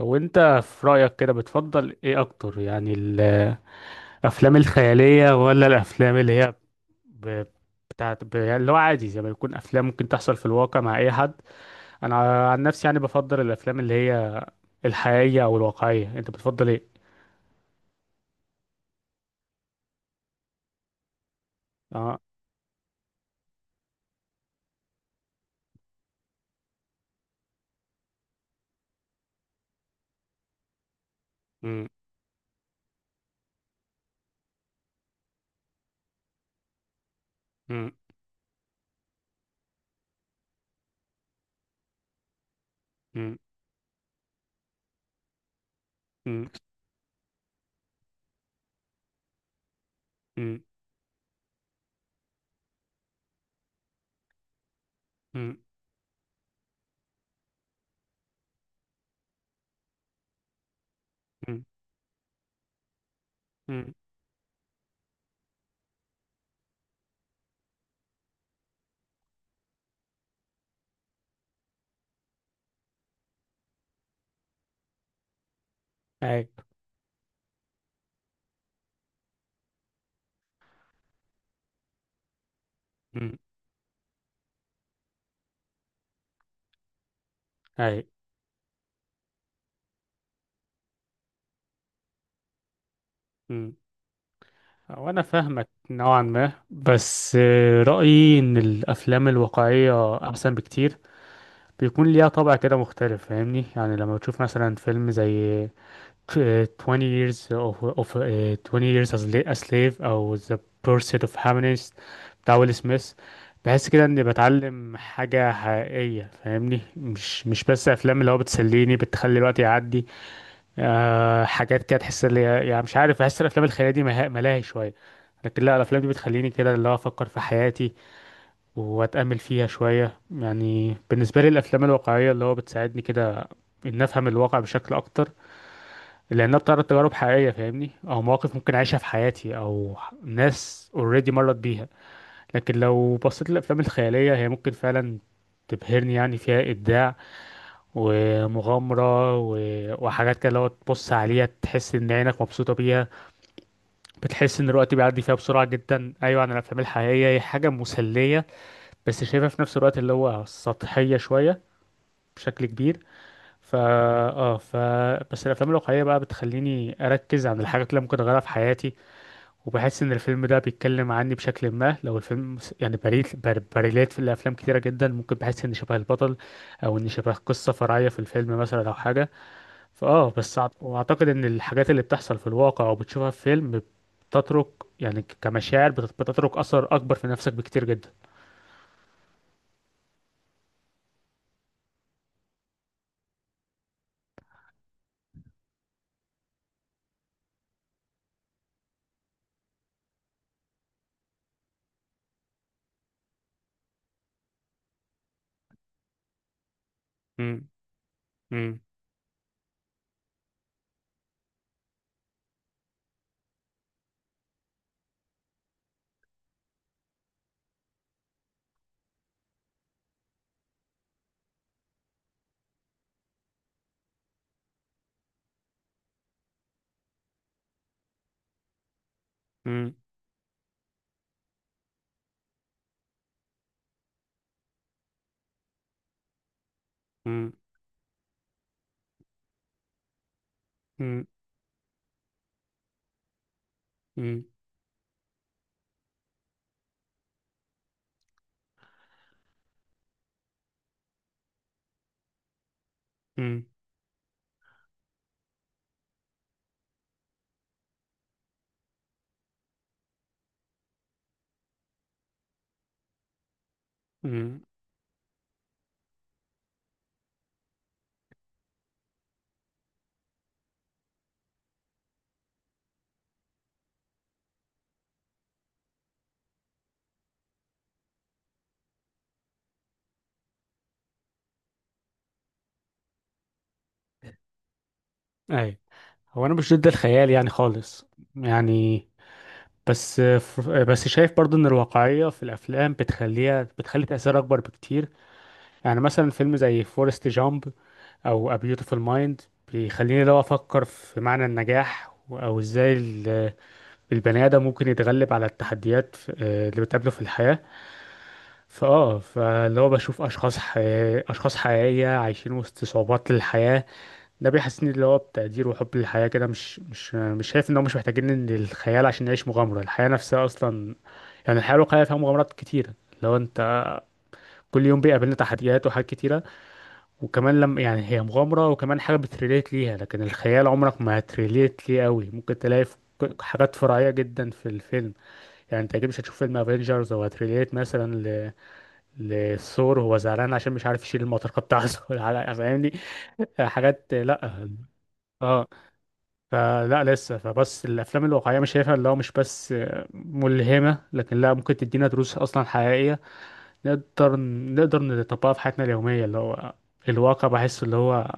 هو انت في رأيك كده بتفضل ايه اكتر؟ يعني الافلام الخيالية ولا الافلام اللي هي ب... يعني اللي هو عادي زي ما يكون افلام ممكن تحصل في الواقع مع اي حد. انا عن نفسي يعني بفضل الافلام اللي هي الحقيقية او الواقعية. انت بتفضل ايه؟ اه. امم. امم. امم. امم. امم. امم. امم. امم. اي. امم. اي. امم. وانا فاهمك نوعا ما، بس رأيي ان الافلام الواقعية احسن بكتير. بيكون ليها طابع كده مختلف، فاهمني؟ يعني لما بتشوف مثلا فيلم زي 20 years of, of آه، 20 years as a slave او The Pursuit of Happiness بتاع ويل سميث. بحس كده اني بتعلم حاجة حقيقية، فاهمني؟ مش بس افلام اللي هو بتسليني بتخلي الوقت يعدي. أه، حاجات كده تحس يعني مش عارف، بحس الافلام الخيالية دي ملاهي شوية. لكن لا، الافلام دي بتخليني كده اللي هو افكر في حياتي واتامل فيها شويه. يعني بالنسبه لي الافلام الواقعيه اللي هو بتساعدني كده ان افهم الواقع بشكل اكتر، لانها بتعرض تجارب حقيقيه، فاهمني؟ او مواقف ممكن اعيشها في حياتي او ناس اوريدي مرت بيها. لكن لو بصيت للافلام الخياليه، هي ممكن فعلا تبهرني، يعني فيها ابداع ومغامره وحاجات كده. لو تبص عليها تحس ان عينك مبسوطه بيها، بتحس ان الوقت بيعدي فيها بسرعه جدا. ايوه، عن الافلام الحقيقيه هي حاجه مسليه، بس شايفها في نفس الوقت اللي هو سطحية شوية بشكل كبير. فا اه ف بس الافلام الواقعية بقى بتخليني اركز عن الحاجات اللي ممكن اغيرها في حياتي، وبحس ان الفيلم ده بيتكلم عني بشكل ما. لو الفيلم يعني بريلات في الافلام كتيرة جدا ممكن بحس ان شبه البطل، او ان شبه قصة فرعية في الفيلم مثلا او حاجة. فاه بس أعت- واعتقد ان الحاجات اللي بتحصل في الواقع او بتشوفها في فيلم بتترك، يعني كمشاعر بتترك اثر اكبر في نفسك بكتير جدا. مم. مم. مم. مم. مم. مم. مم. اي. هو انا مش ضد الخيال يعني خالص. يعني بس بس شايف برضو ان الواقعية في الافلام بتخلي تأثير اكبر بكتير. يعني مثلا فيلم زي فورست جامب او A Beautiful Mind بيخليني لو افكر في معنى النجاح او ازاي البني ادم ممكن يتغلب على التحديات اللي بتقابله في الحياة. فاه، فاللي هو بشوف اشخاص حقيقية عايشين وسط صعوبات الحياة. ده بيحسسني اللي هو بتقدير وحب للحياة كده. مش شايف ان هو مش محتاجين ان الخيال عشان نعيش مغامرة الحياة نفسها اصلا. يعني الحياة الواقعية فيها مغامرات كتيرة. لو انت، كل يوم بيقابلنا تحديات وحاجات كتيرة. وكمان لما يعني هي مغامرة، وكمان حاجة بتريليت ليها، لكن الخيال عمرك ما هتريليت ليه قوي. ممكن تلاقي في حاجات فرعية جدا في الفيلم. يعني انت اكيد مش هتشوف فيلم افنجرز او هتريليت مثلا لثور وهو زعلان عشان مش عارف يشيل المطرقة بتاعته فاهمني حاجات. لا. اه، فلا لسه فبس الافلام الواقعيه مش شايفها اللي هو مش بس ملهمه، لكن لا، ممكن تدينا دروس اصلا حقيقيه نقدر نقدر نطبقها في حياتنا اليوميه. اللي هو الواقع بحس اللي هو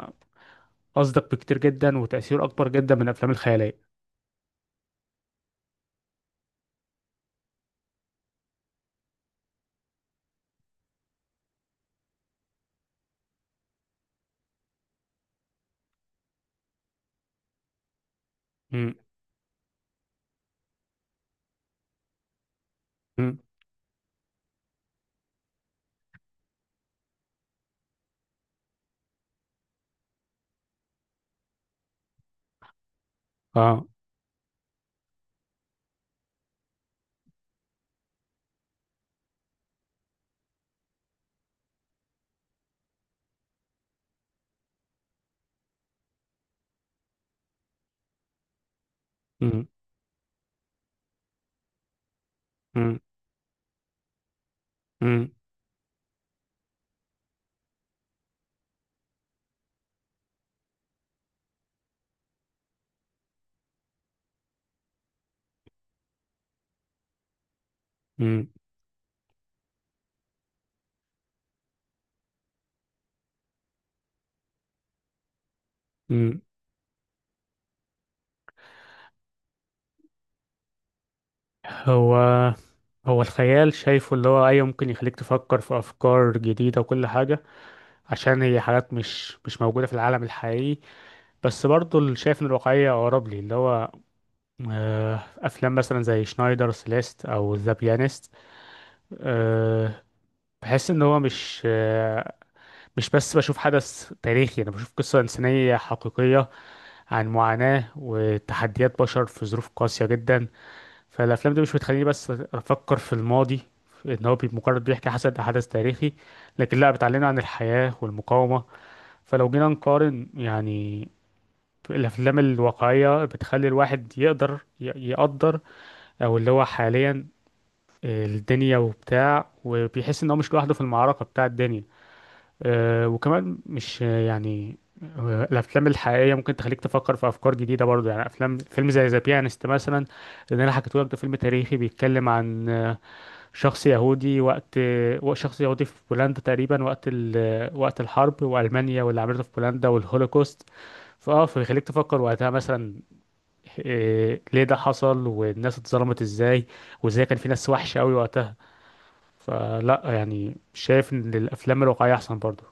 اصدق بكتير جدا وتاثيره اكبر جدا من الافلام الخياليه. مم. مم. اه. مم. مم. مم. مم. مم. هو هو الخيال شايفه اللي هو ايوه ممكن يخليك تفكر في افكار جديده وكل حاجه، عشان هي حاجات مش موجوده في العالم الحقيقي. بس برضه اللي شايف ان الواقعية اقرب لي اللي هو افلام مثلا زي شنايدر سيليست او ذا بيانست. أه، بحس ان هو مش بس بشوف حدث تاريخي، انا بشوف قصة انسانية حقيقية عن معاناة وتحديات بشر في ظروف قاسية جدا. فالافلام دي مش بتخليني بس افكر في الماضي ان هو مجرد بيحكي حسب حدث تاريخي، لكن لا، بتعلمنا عن الحياة والمقاومة. فلو جينا نقارن يعني، الافلام الواقعيه بتخلي الواحد يقدر يقدر او اللي هو حاليا الدنيا وبتاع، وبيحس ان هو مش لوحده في المعركه بتاع الدنيا. آه، وكمان مش آه، يعني الافلام الحقيقيه ممكن تخليك تفكر في افكار جديده برضه. يعني افلام فيلم زي ذا بيانست مثلا، اللي انا حكيته لك، ده فيلم تاريخي بيتكلم عن شخص يهودي في بولندا تقريبا وقت ال- آه، وقت الحرب والمانيا واللي عملته في بولندا والهولوكوست. فاه، فبيخليك تفكر وقتها مثلا، إيه ليه ده حصل؟ والناس اتظلمت ازاي؟ وازاي كان في ناس وحشة قوي وقتها؟ فلا يعني شايف ان الافلام الواقعية احسن برضو.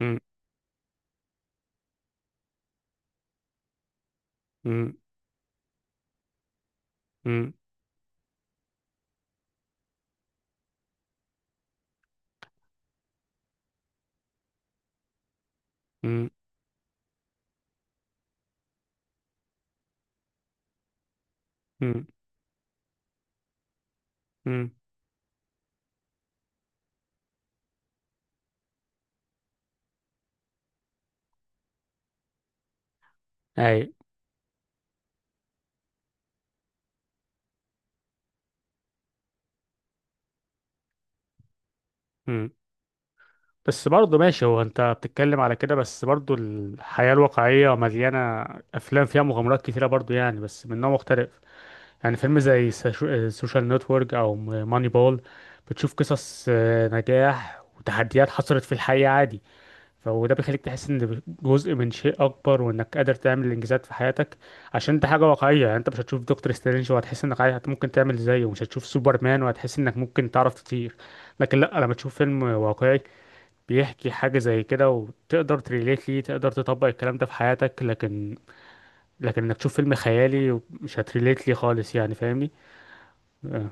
م- م- م- م- م- م. اي. م. بس برضه ماشي. هو انت بتتكلم على كده، بس برضه الحياة الواقعية مليانة افلام فيها مغامرات كتيرة برضه، يعني بس من نوع مختلف. يعني فيلم زي سوشيال نتورك او ماني بول، بتشوف قصص نجاح وتحديات حصلت في الحقيقة عادي. فوده بيخليك تحس ان جزء من شيء اكبر، وانك قادر تعمل انجازات في حياتك، عشان دي حاجه واقعيه. يعني انت مش هتشوف دكتور سترينج وهتحس انك عايز ممكن تعمل زيه، ومش هتشوف سوبرمان وهتحس انك ممكن تعرف تطير. لكن لا، لما تشوف فيلم واقعي بيحكي حاجه زي كده وتقدر تريليت ليه، تقدر تطبق الكلام ده في حياتك. لكن انك تشوف فيلم خيالي مش هتريليت ليه خالص يعني، فاهمني؟ آه.